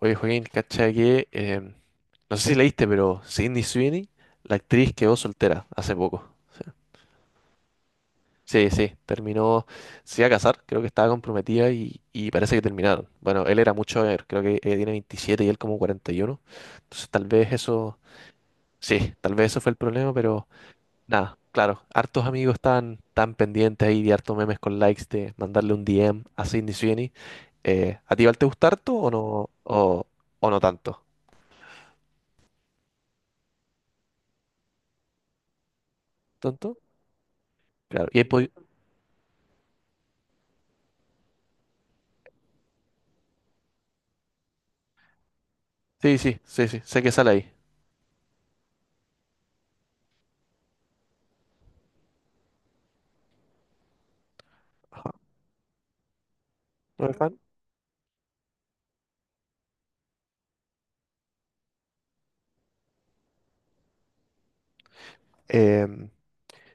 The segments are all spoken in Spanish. Oye, Joaquín, cacha que, no sé si leíste, pero Sydney Sweeney, la actriz, quedó soltera hace poco. Sí, sí, sí, terminó, se iba a casar, creo que estaba comprometida y parece que terminaron. Bueno, él era mucho mayor, creo que ella tiene 27 y él como 41. Entonces tal vez eso, sí, tal vez eso fue el problema, pero nada, claro, hartos amigos están tan pendientes ahí de hartos memes con likes de mandarle un DM a Sydney Sweeney. ¿A ti igual te gusta harto o no, o no tanto? ¿Tanto? Claro, y ahí Sí, sí, sí, sí, sé que sale ahí. Ajá. ¿No eres fan? Em,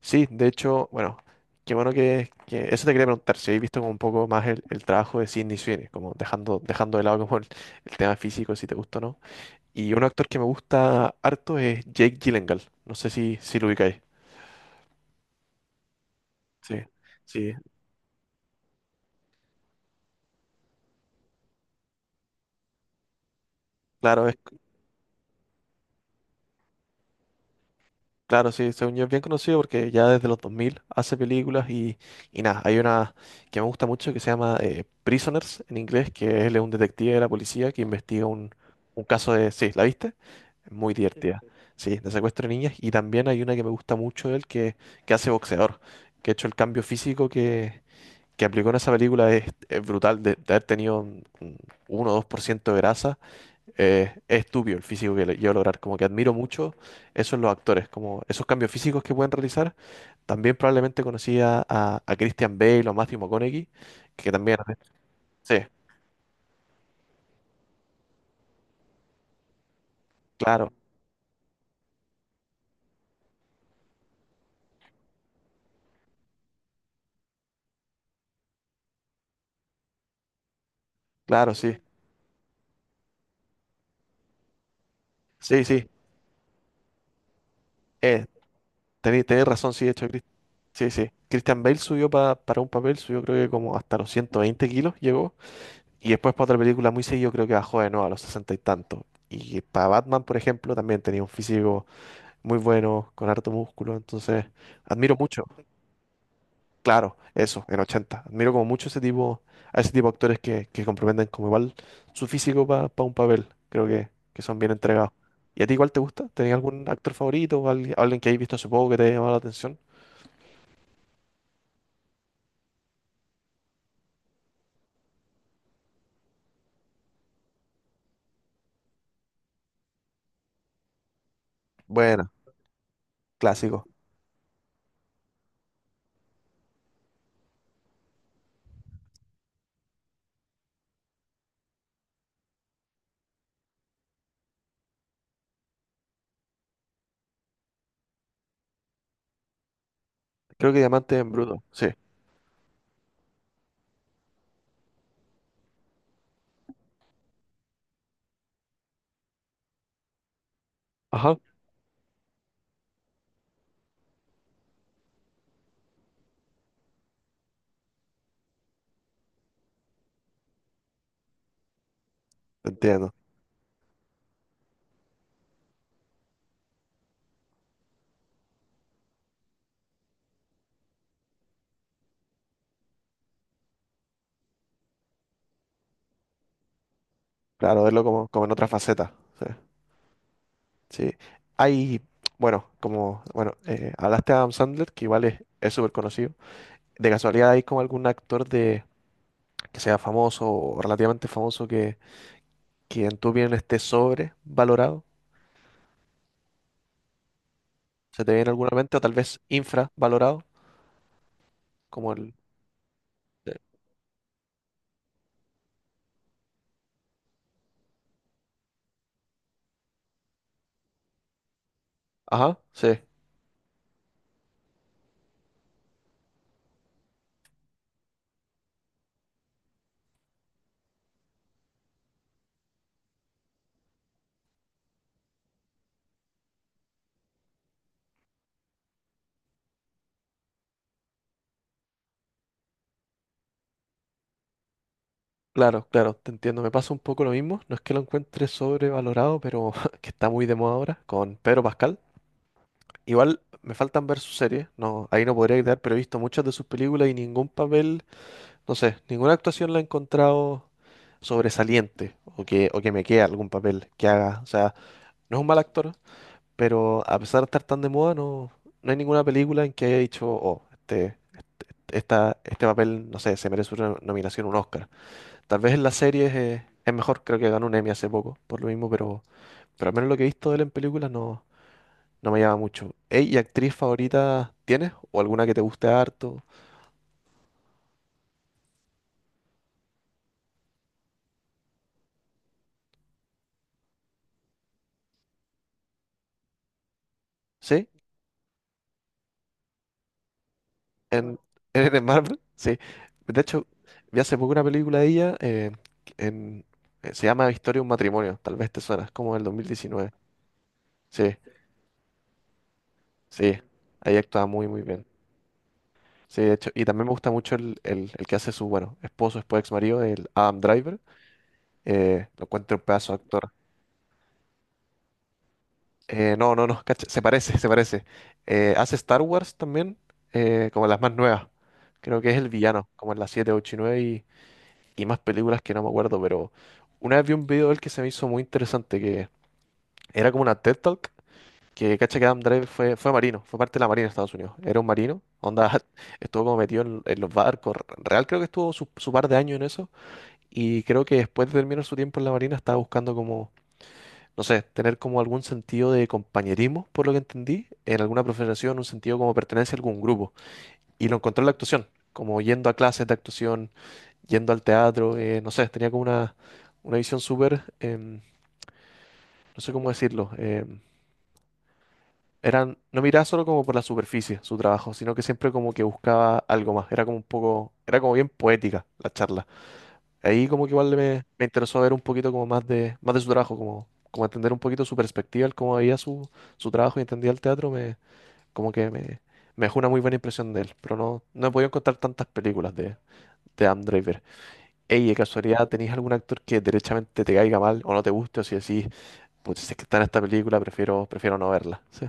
sí, de hecho, bueno, qué bueno Eso te quería preguntar, si habéis visto como un poco más el trabajo de Sidney Sweeney, como dejando de lado como el tema físico, si te gusta o no. Y un actor que me gusta harto es Jake Gyllenhaal, no sé si lo ubicáis. Sí, sí, claro, es claro, sí, según yo es bien conocido porque ya desde los 2000 hace películas y nada, hay una que me gusta mucho que se llama Prisoners en inglés, que él es un detective de la policía que investiga un caso de... Sí, ¿la viste? Muy Sí, divertida, sí. Sí, de secuestro de niñas. Y también hay una que me gusta mucho de él que hace boxeador, que, de hecho el cambio físico que aplicó en esa película es brutal, de haber tenido un 1 o 2% de grasa. Es estúpido el físico que lleva a lograr. Como que admiro mucho eso en los actores, como esos cambios físicos que pueden realizar. También probablemente conocía a Christian Bale o Matthew McConaughey, que también. Sí, claro, claro, sí. Sí, sí. Eh, tenés razón, sí, de hecho, sí, sí. Christian Bale subió para un papel, subió creo que como hasta los 120 kilos llegó. Y después para otra película muy seguido creo que bajó de nuevo a los 60 y tantos. Y para Batman, por ejemplo, también tenía un físico muy bueno, con harto músculo. Entonces, admiro mucho. Claro, eso, en 80. Admiro como mucho ese tipo, a ese tipo de actores que comprometen como igual su físico para un papel. Creo que son bien entregados. ¿Y a ti igual te gusta? ¿Tenés algún actor favorito o alguien que hayas visto hace poco que te haya llamado la atención? Bueno, clásico. Creo que Diamante en Bruto, sí. Ajá. Entiendo. Claro, verlo como en otra faceta. Sí. Sí. Hay, bueno, como, bueno, hablaste de Adam Sandler, que igual es súper conocido. ¿De casualidad hay como algún actor de que sea famoso o relativamente famoso que en tu opinión esté sobrevalorado? ¿Se te viene alguna mente? O tal vez infravalorado, como el. eh, Ajá, sí, claro, claro, te entiendo. Me pasa un poco lo mismo. No es que lo encuentre sobrevalorado, pero que está muy de moda ahora, con Pedro Pascal. Igual me faltan ver sus series, no, ahí no podría quedar, pero he visto muchas de sus películas y ningún papel, no sé, ninguna actuación la he encontrado sobresaliente o que me quede algún papel que haga. O sea, no es un mal actor. Pero a pesar de estar tan de moda, no, no hay ninguna película en que haya dicho: oh, este, esta, este papel, no sé, se merece una nominación, un Oscar. Tal vez en las series es mejor, creo que ganó un Emmy hace poco, por lo mismo, pero, al menos lo que he visto de él en películas no, no me llama mucho. Ey, ¿y actriz favorita tienes? ¿O alguna que te guste harto? ¿Sí? ¿En, en Marvel? Sí. De hecho, vi hace poco una película de ella, en, se llama Historia de un matrimonio, tal vez te suena, es como del 2019. Sí. Sí, ahí actúa muy, muy bien. Sí, de hecho, y también me gusta mucho el que hace su, bueno, esposo, después ex marido, el Adam Driver. Lo encuentro un pedazo de actor. No, no, no, cacha, se parece, se parece. Hace Star Wars también, como las más nuevas. Creo que es el villano, como en las 7, 8 y 9 y más películas que no me acuerdo, pero una vez vi un video de él que se me hizo muy interesante, que era como una TED Talk. Que cacha que Adam Driver fue marino, fue parte de la Marina de Estados Unidos. Era un marino, onda, estuvo como metido en los barcos. Real creo que estuvo su par de años en eso. Y creo que después de terminar su tiempo en la Marina estaba buscando como, no sé, tener como algún sentido de compañerismo, por lo que entendí, en alguna profesión, un sentido como pertenencia a algún grupo. Y lo encontró en la actuación, como yendo a clases de actuación, yendo al teatro, no sé, tenía como una visión súper, no sé cómo decirlo, no miraba solo como por la superficie su trabajo, sino que siempre como que buscaba algo más. Era como un poco, era como bien poética la charla. Ahí como que igual me interesó ver un poquito como más de su trabajo, como entender un poquito su perspectiva, el cómo veía su trabajo y entendía el teatro, como que me dejó una muy buena impresión de él. Pero no, no he podido encontrar tantas películas de Adam Driver. Ey, de casualidad, ¿tenéis algún actor que derechamente te caiga mal o no te guste o si decís, pues si es que está en esta película, prefiero no verla? Sí.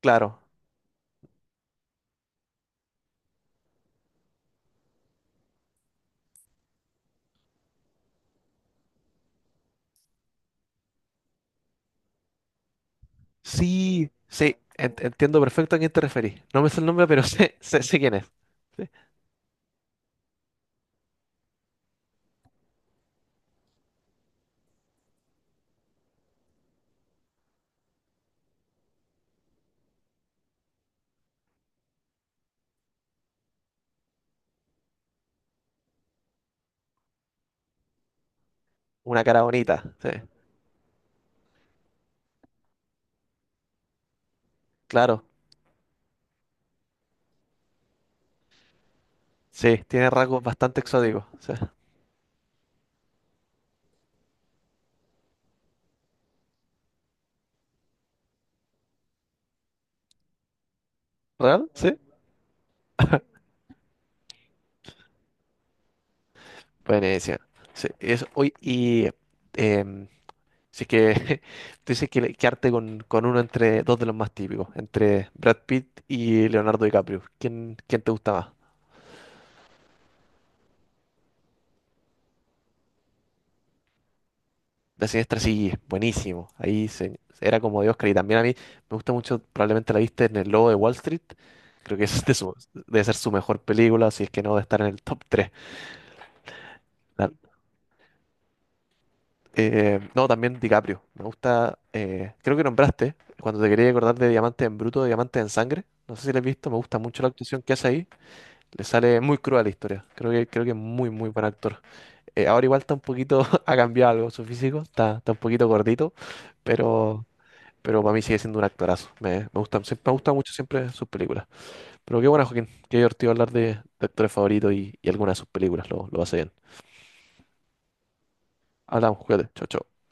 Claro, sí, sí, entiendo perfecto a quién te referís. No me sé el nombre, pero sé, sé, sé quién es. Sí. Una cara bonita, sí, claro. Sí, tiene rasgos bastante exóticos. Sí. ¿Real? Sí. Buenísimo. Sí, eso, oye, y em, si es que tú dices que arte con uno entre dos de los más típicos, entre Brad Pitt y Leonardo DiCaprio. ¿Quién te gusta más? La Siniestra, sí, buenísimo. Ahí era como de Oscar. Y también a mí me gusta mucho, probablemente la viste, en El Lobo de Wall Street. Creo que es de debe ser su mejor película, si es que no, de estar en el top 3. No, también DiCaprio. Me gusta, creo que nombraste, cuando te quería acordar, de Diamante en Bruto, Diamante en Sangre. No sé si la has visto, me gusta mucho la actuación que hace ahí. Le sale muy cruda la historia. Creo que es muy, muy buen actor. Ahora igual está un poquito, ha cambiado algo su físico, está un poquito gordito, pero para mí sigue siendo un actorazo. Me gustan, siempre, me gustan mucho siempre sus películas. Pero qué bueno, Joaquín. Qué divertido hablar de actores favoritos y algunas de sus películas. Lo hace bien. Hablamos, cuídate. Chao, chao.